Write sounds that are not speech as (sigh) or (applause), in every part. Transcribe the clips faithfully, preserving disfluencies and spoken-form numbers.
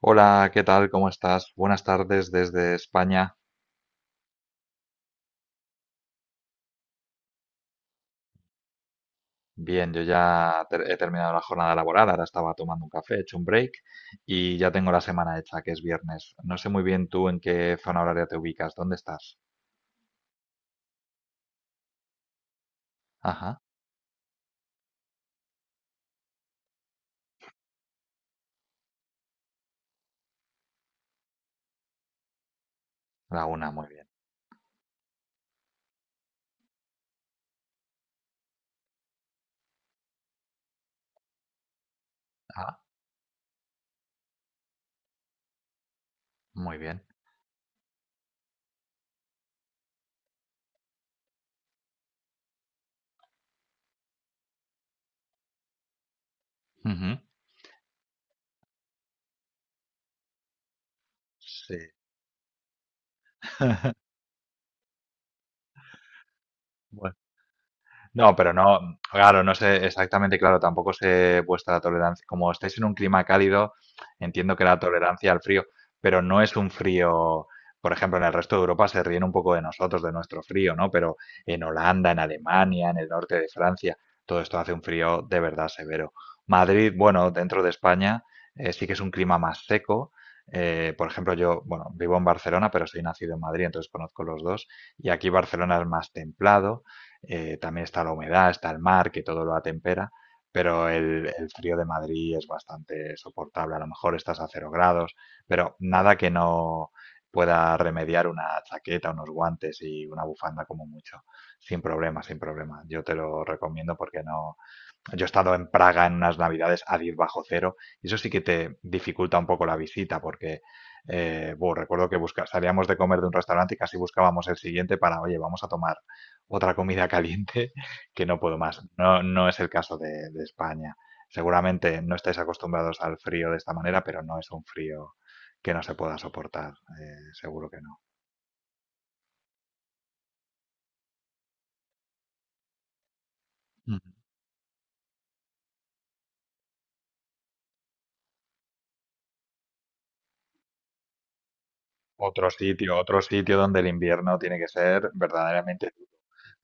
Hola, ¿qué tal? ¿Cómo estás? Buenas tardes desde España. Bien, yo ya ter- he terminado la jornada laboral, ahora estaba tomando un café, he hecho un break y ya tengo la semana hecha, que es viernes. No sé muy bien tú en qué zona horaria te ubicas, ¿dónde estás? Ajá, la una, muy bien. Ah, muy bien. Ujú. Sí. (laughs) No, pero no, claro, no sé exactamente, claro, tampoco sé vuestra tolerancia. Como estáis en un clima cálido, entiendo que la tolerancia al frío, pero no es un frío, por ejemplo, en el resto de Europa se ríen un poco de nosotros, de nuestro frío, ¿no? Pero en Holanda, en Alemania, en el norte de Francia, todo esto hace un frío de verdad severo. Madrid, bueno, dentro de España, eh, sí que es un clima más seco. Eh, por ejemplo, yo, bueno, vivo en Barcelona, pero soy nacido en Madrid, entonces conozco los dos. Y aquí Barcelona es más templado, eh, también está la humedad, está el mar, que todo lo atempera, pero el, el frío de Madrid es bastante soportable. A lo mejor estás a cero grados, pero nada que no pueda remediar una chaqueta, unos guantes y una bufanda como mucho. Sin problema, sin problema. Yo te lo recomiendo porque no, yo he estado en Praga en unas navidades a diez bajo cero y eso sí que te dificulta un poco la visita porque eh, buh, recuerdo que busca, salíamos de comer de un restaurante y casi buscábamos el siguiente para, oye, vamos a tomar otra comida caliente (laughs) que no puedo más. No, no es el caso de, de España. Seguramente no estáis acostumbrados al frío de esta manera, pero no es un frío que no se pueda soportar, eh, seguro que no. Ujú. Otro sitio, otro sitio donde el invierno tiene que ser verdaderamente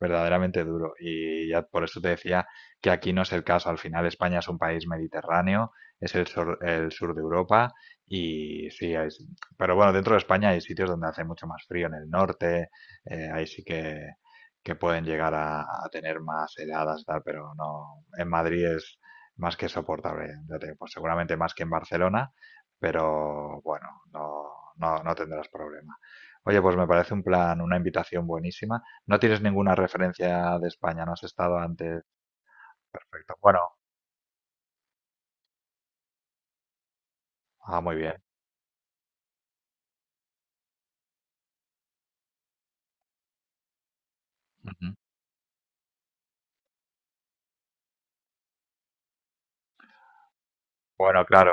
verdaderamente duro. Y ya por eso te decía que aquí no es el caso. Al final España es un país mediterráneo, es el sur, el sur de Europa y sí, es, pero bueno, dentro de España hay sitios donde hace mucho más frío, en el norte, eh, ahí sí que, que pueden llegar a, a tener más heladas y tal, pero no, en Madrid es más que soportable, ya te digo, pues seguramente más que en Barcelona, pero bueno, no, no, no tendrás problema. Oye, pues me parece un plan, una invitación buenísima. No tienes ninguna referencia de España, no has estado antes. Perfecto. Bueno, ah, muy bien. Ujú. Bueno, claro,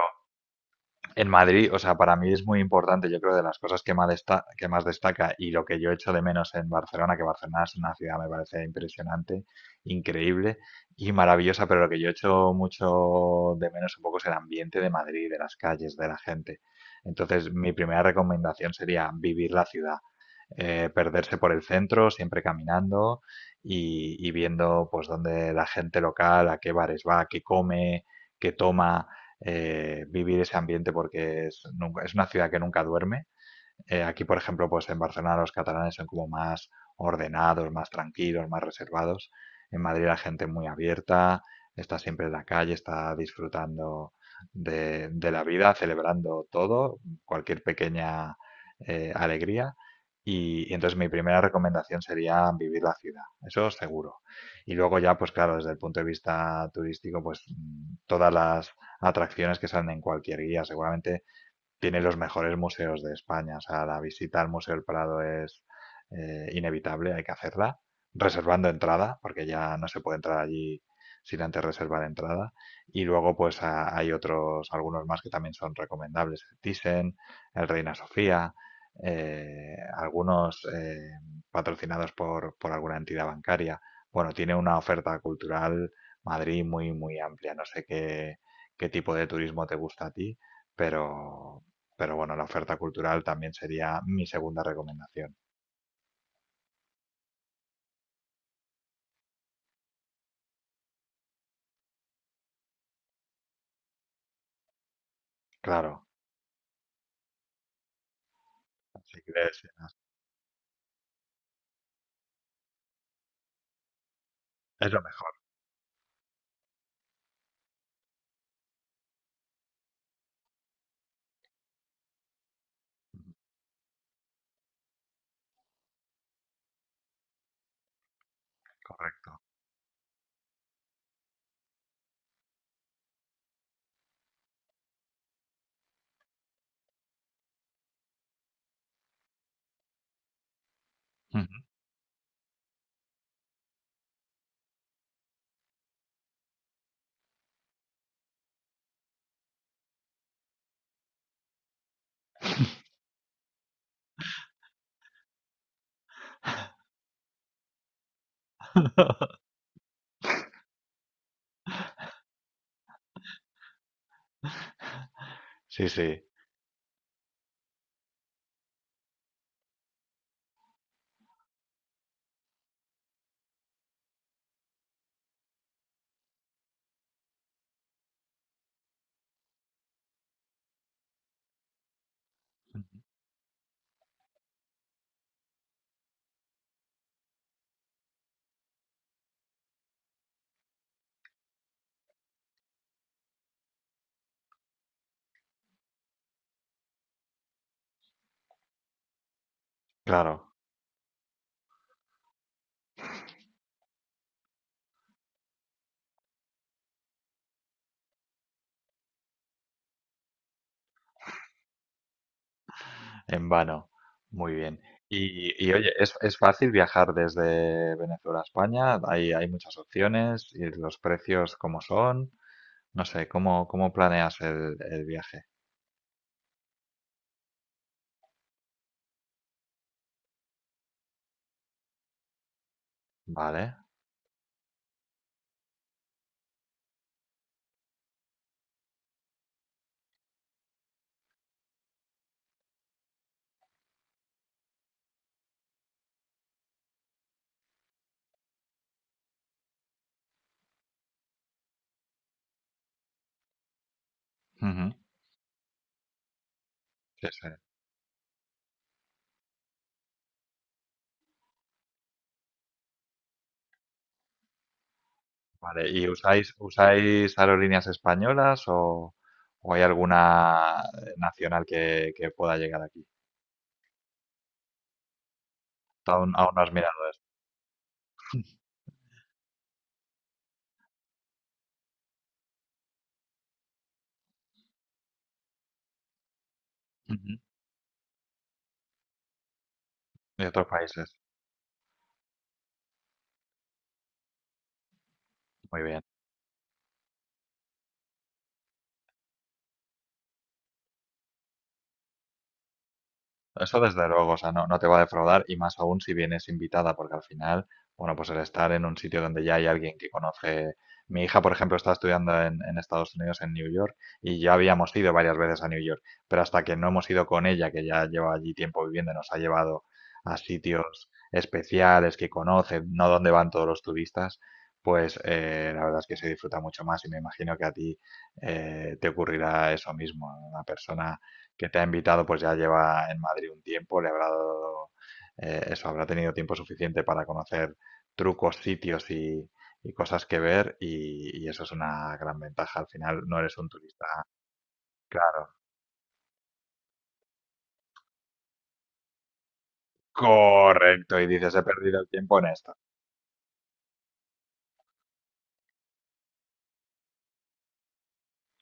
en Madrid, o sea, para mí es muy importante, yo creo, de las cosas que más, desta- que más destaca y lo que yo echo de menos en Barcelona, que Barcelona es una ciudad, me parece impresionante, increíble y maravillosa, pero lo que yo echo mucho de menos un poco es el ambiente de Madrid, de las calles, de la gente. Entonces, mi primera recomendación sería vivir la ciudad, eh, perderse por el centro, siempre caminando y, y viendo pues dónde la gente local, a qué bares va, qué come, qué toma, eh, vivir ese ambiente porque es, nunca- es una ciudad que nunca duerme, eh, aquí, por ejemplo, pues en Barcelona los catalanes son como más ordenados, más tranquilos, más reservados. En Madrid la gente muy abierta, está siempre en la calle, está disfrutando de, de la vida, celebrando todo, cualquier pequeña eh, alegría. Y, y entonces mi primera recomendación sería vivir la ciudad, eso seguro. Y luego ya, pues claro, desde el punto de vista turístico, pues mm, todas las atracciones que salen en cualquier guía, seguramente tiene los mejores museos de España. O sea, la visita al Museo del Prado es eh, inevitable, hay que hacerla, reservando entrada, porque ya no se puede entrar allí sin antes reservar entrada. Y luego, pues a- hay otros, algunos más que también son recomendables: el Thyssen, el Reina Sofía, eh, algunos eh, patrocinados por, por alguna entidad bancaria. Bueno, tiene una oferta cultural Madrid muy, muy amplia. No sé qué, qué tipo de turismo te gusta a ti, pero pero bueno, la oferta cultural también sería mi segunda recomendación. Claro, si quieres, es lo mejor, correcto. Ujú. (laughs) Sí, sí, claro, en vano. Muy bien. Y, y oye, ¿es, es fácil viajar desde Venezuela a España? Hay, hay muchas opciones y los precios cómo son. No sé, ¿cómo, cómo planeas el, el viaje? Vale. Ujú. Sí, sí. Vale, ¿y usáis, usáis aerolíneas españolas o, o hay alguna eh, nacional que, que pueda llegar aquí? Aún, aún no has mirado. Ujú. De otros países. Muy bien. Eso desde luego, o sea, no, no te va a defraudar y más aún si vienes invitada, porque al final, bueno, pues el estar en un sitio donde ya hay alguien que conoce. Mi hija, por ejemplo, está estudiando en, en Estados Unidos, en New York, y ya habíamos ido varias veces a New York, pero hasta que no hemos ido con ella, que ya lleva allí tiempo viviendo, y nos ha llevado a sitios especiales que conoce, no donde van todos los turistas, pues eh, la verdad es que se disfruta mucho más y me imagino que a ti eh, te ocurrirá eso mismo, una persona que te ha invitado, pues ya lleva en Madrid un tiempo, le habrá dado, eh, eso, habrá tenido tiempo suficiente para conocer trucos, sitios y, y cosas que ver, y, y eso es una gran ventaja. Al final no eres un turista, claro, correcto, y dices, he perdido el tiempo en esto.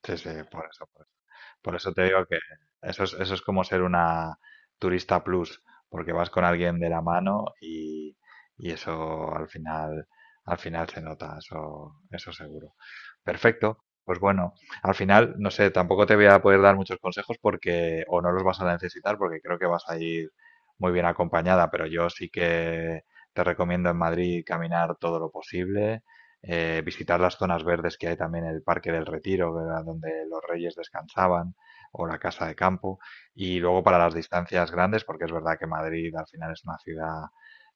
Sí, sí, por eso, por eso. Por eso te digo que eso es, eso es como ser una turista plus, porque vas con alguien de la mano y, y eso al final, al final se nota, eso, eso seguro. Perfecto. Pues bueno, al final, no sé, tampoco te voy a poder dar muchos consejos porque, o no los vas a necesitar porque creo que vas a ir muy bien acompañada, pero yo sí que te recomiendo en Madrid caminar todo lo posible, eh, visitar las zonas verdes que hay también, el Parque del Retiro, ¿verdad? Donde los reyes descansaban, o la Casa de Campo, y luego para las distancias grandes, porque es verdad que Madrid al final es una ciudad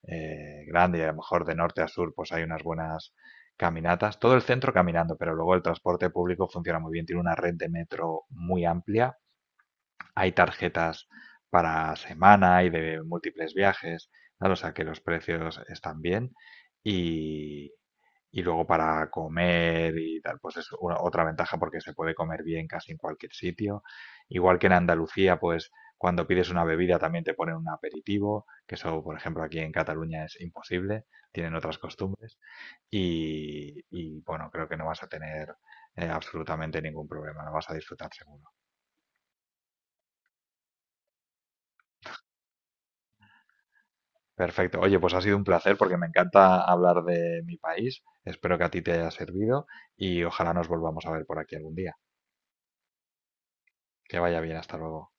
eh, grande y a lo mejor de norte a sur pues hay unas buenas caminatas, todo el centro caminando, pero luego el transporte público funciona muy bien, tiene una red de metro muy amplia, hay tarjetas para semana y de múltiples viajes, ¿vale? O sea que los precios están bien y, y luego para comer y tal, pues es una- otra ventaja porque se puede comer bien casi en cualquier sitio. Igual que en Andalucía, pues cuando pides una bebida también te ponen un aperitivo, que eso, por ejemplo, aquí en Cataluña es imposible, tienen otras costumbres. Y, y, bueno, creo que no vas a tener eh, absolutamente ningún problema, lo vas a disfrutar seguro. Perfecto. Oye, pues ha sido un placer porque me encanta hablar de mi país. Espero que a ti te haya servido y ojalá nos volvamos a ver por aquí algún día. Que vaya bien, hasta luego.